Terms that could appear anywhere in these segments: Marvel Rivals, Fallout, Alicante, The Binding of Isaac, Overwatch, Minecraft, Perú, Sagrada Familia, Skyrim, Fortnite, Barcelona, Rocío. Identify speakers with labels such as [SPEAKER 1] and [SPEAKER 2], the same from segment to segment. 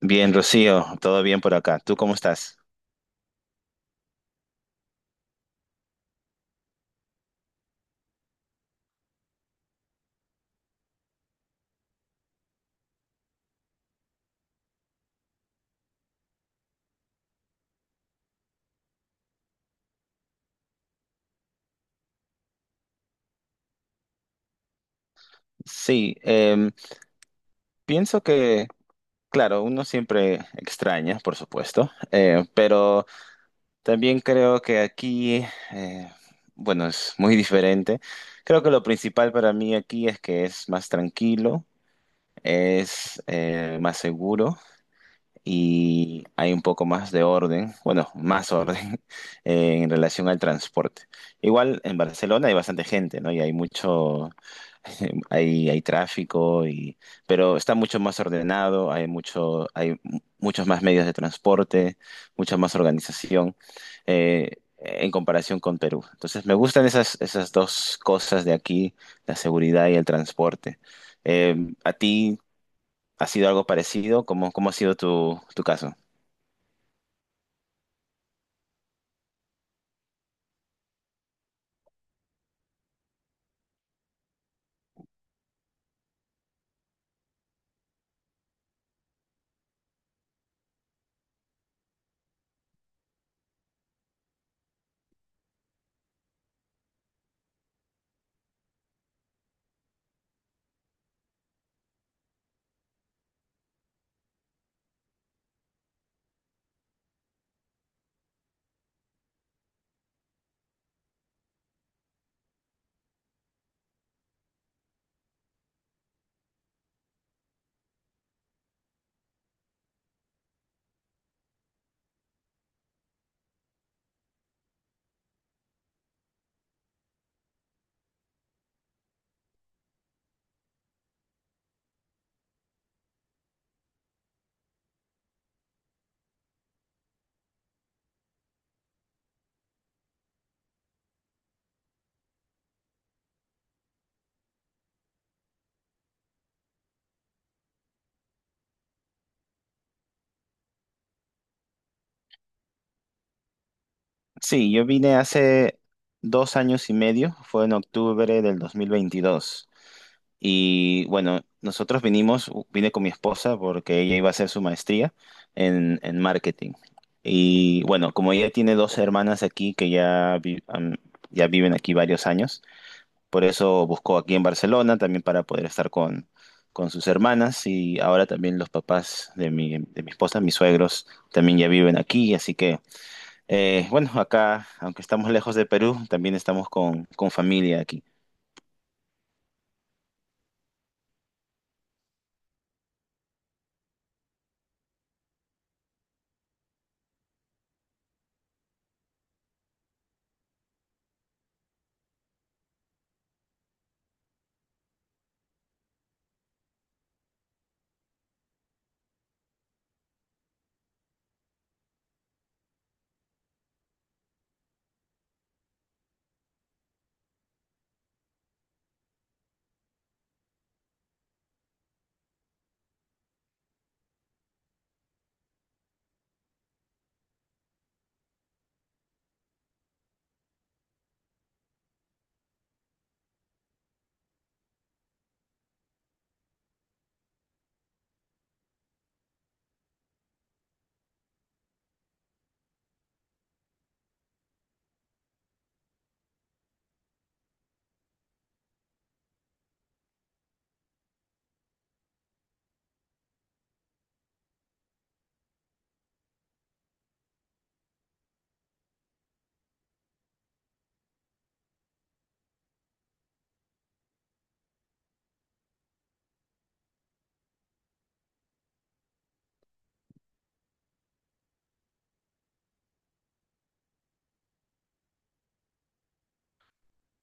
[SPEAKER 1] Bien, Rocío, todo bien por acá. ¿Tú cómo estás? Sí, pienso que, claro, uno siempre extraña, por supuesto, pero también creo que aquí, eh, bueno, es muy diferente. Creo que lo principal para mí aquí es que es más tranquilo, es más seguro. Y hay un poco más de orden, bueno, más orden en relación al transporte. Igual en Barcelona hay bastante gente, ¿no? Y hay mucho, hay tráfico, y, pero está mucho más ordenado, hay mucho, hay mu- muchos más medios de transporte, mucha más organización eh, en comparación con Perú. Entonces me gustan esas dos cosas de aquí, la seguridad y el transporte. Eh, ¿A ti ¿Ha sido algo parecido? ¿Cómo ha sido tu caso? Sí, yo vine hace 2 años y medio, fue en octubre del 2022. Y bueno, nosotros vine con mi esposa porque ella iba a hacer su maestría en marketing. Y bueno, como ella tiene dos hermanas aquí que ya viven aquí varios años. Por eso buscó aquí en Barcelona también para poder estar con sus hermanas, y ahora también los papás de mi esposa, mis suegros, también ya viven aquí. Así que, bueno, acá, aunque estamos lejos de Perú, también estamos con familia aquí.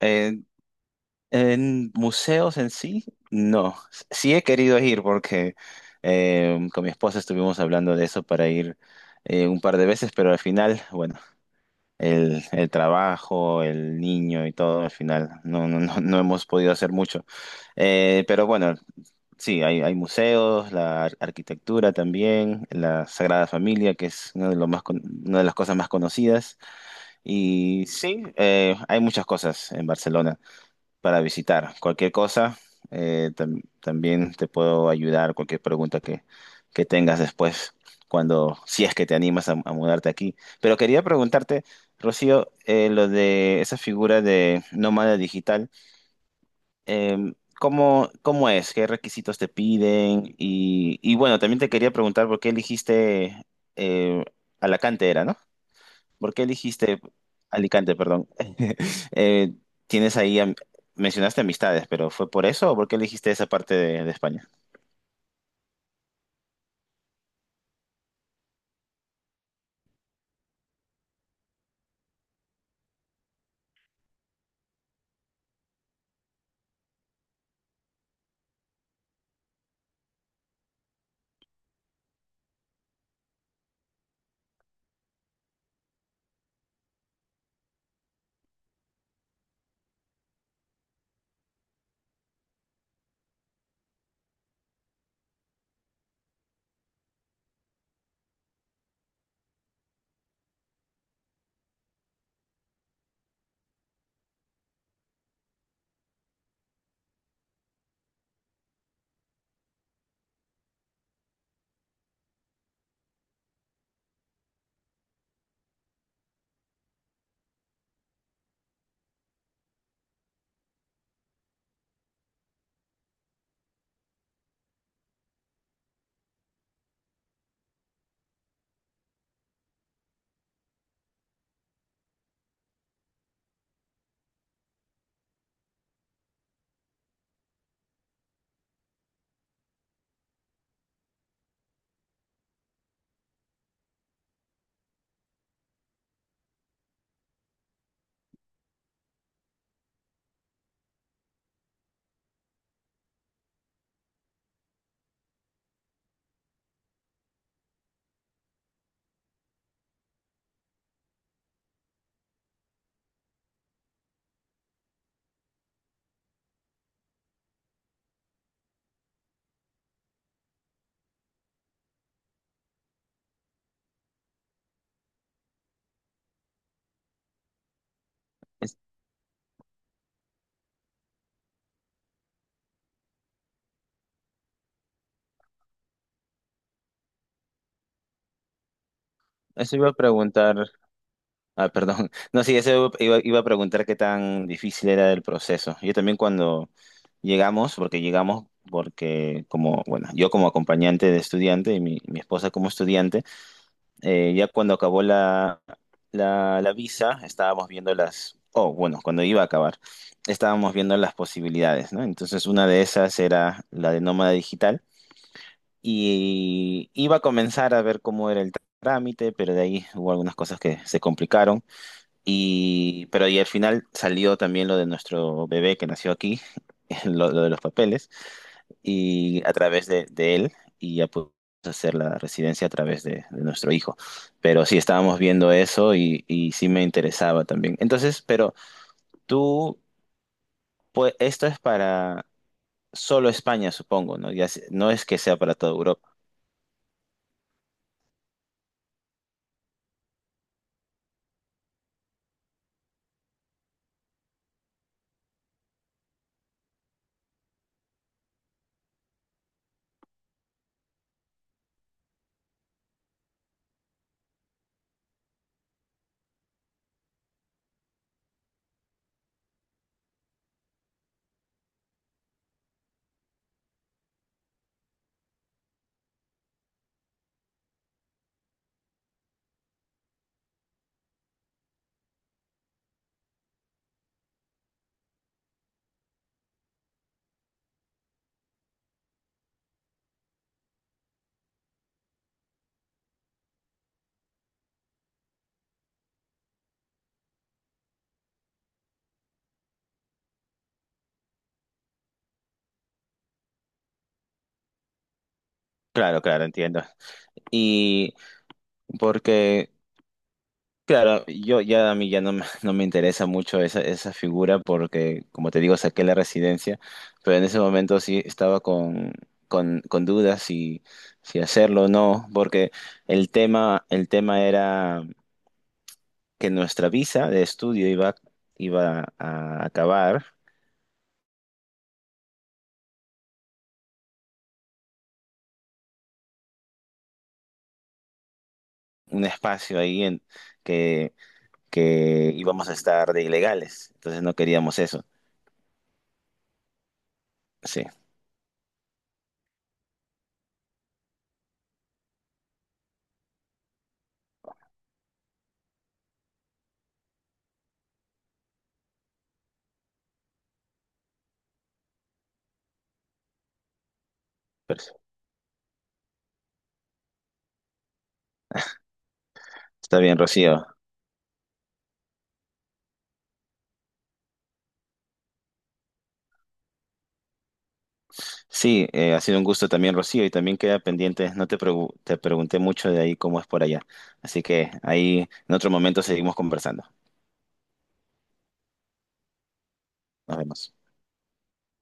[SPEAKER 1] Eh, en museos en sí, no. Sí he querido ir porque con mi esposa estuvimos hablando de eso para ir un par de veces, pero al final, bueno, el trabajo, el niño y todo, al final no hemos podido hacer mucho. Pero bueno, sí, hay museos, la arquitectura también, la Sagrada Familia, que es uno de los más con- una de las cosas más conocidas. Y sí, hay muchas cosas en Barcelona para visitar. Cualquier cosa, también te puedo ayudar, cualquier pregunta que tengas después, cuando, si es que te animas a mudarte aquí. Pero quería preguntarte, Rocío, lo de esa figura de nómada digital, eh, ¿cómo es? ¿Qué requisitos te piden? Y bueno, también te quería preguntar por qué eligiste eh, Alacante, era, ¿no? ¿Por qué elegiste Alicante, perdón? Eh, tienes ahí, am- Mencionaste amistades, pero ¿fue por eso o por qué elegiste esa parte de España? Es- Eso iba a preguntar, ah, perdón. No, sí, eso iba a preguntar qué tan difícil era el proceso. Yo también cuando llegamos porque como, bueno, yo como acompañante de estudiante, y mi esposa como estudiante, ya cuando acabó la visa, estábamos viendo las, oh, bueno, cuando iba a acabar, estábamos viendo las posibilidades, ¿no? Entonces una de esas era la de nómada digital, y iba a comenzar a ver cómo era el trámite, pero de ahí hubo algunas cosas que se complicaron. Pero al final salió también lo de nuestro bebé que nació aquí, lo de los papeles, y a través de él, y ya pudimos hacer la residencia a través de nuestro hijo. Pero sí, estábamos viendo eso, y sí me interesaba también. Entonces, tú, pues esto es para solo España, supongo, ¿no? Ya, no es que sea para toda Europa. Claro, claro, entiendo. Y porque... Claro, yo ya a mí ya no, me no me interesa mucho esa, esa figura porque, como te digo, saqué la residencia, pero en ese momento sí estaba con dudas si hacerlo o no, porque el tema era que nuestra visa de estudio iba a acabar un espacio ahí en que, que íbamos a estar de ilegales, entonces no queríamos eso. Sí, pero está bien, Rocío. Sí, ha sido un gusto también, Rocío, y también queda pendiente, no te, pregu- te pregunté mucho de ahí cómo es por allá, así que ahí en otro momento seguimos conversando. Nos vemos.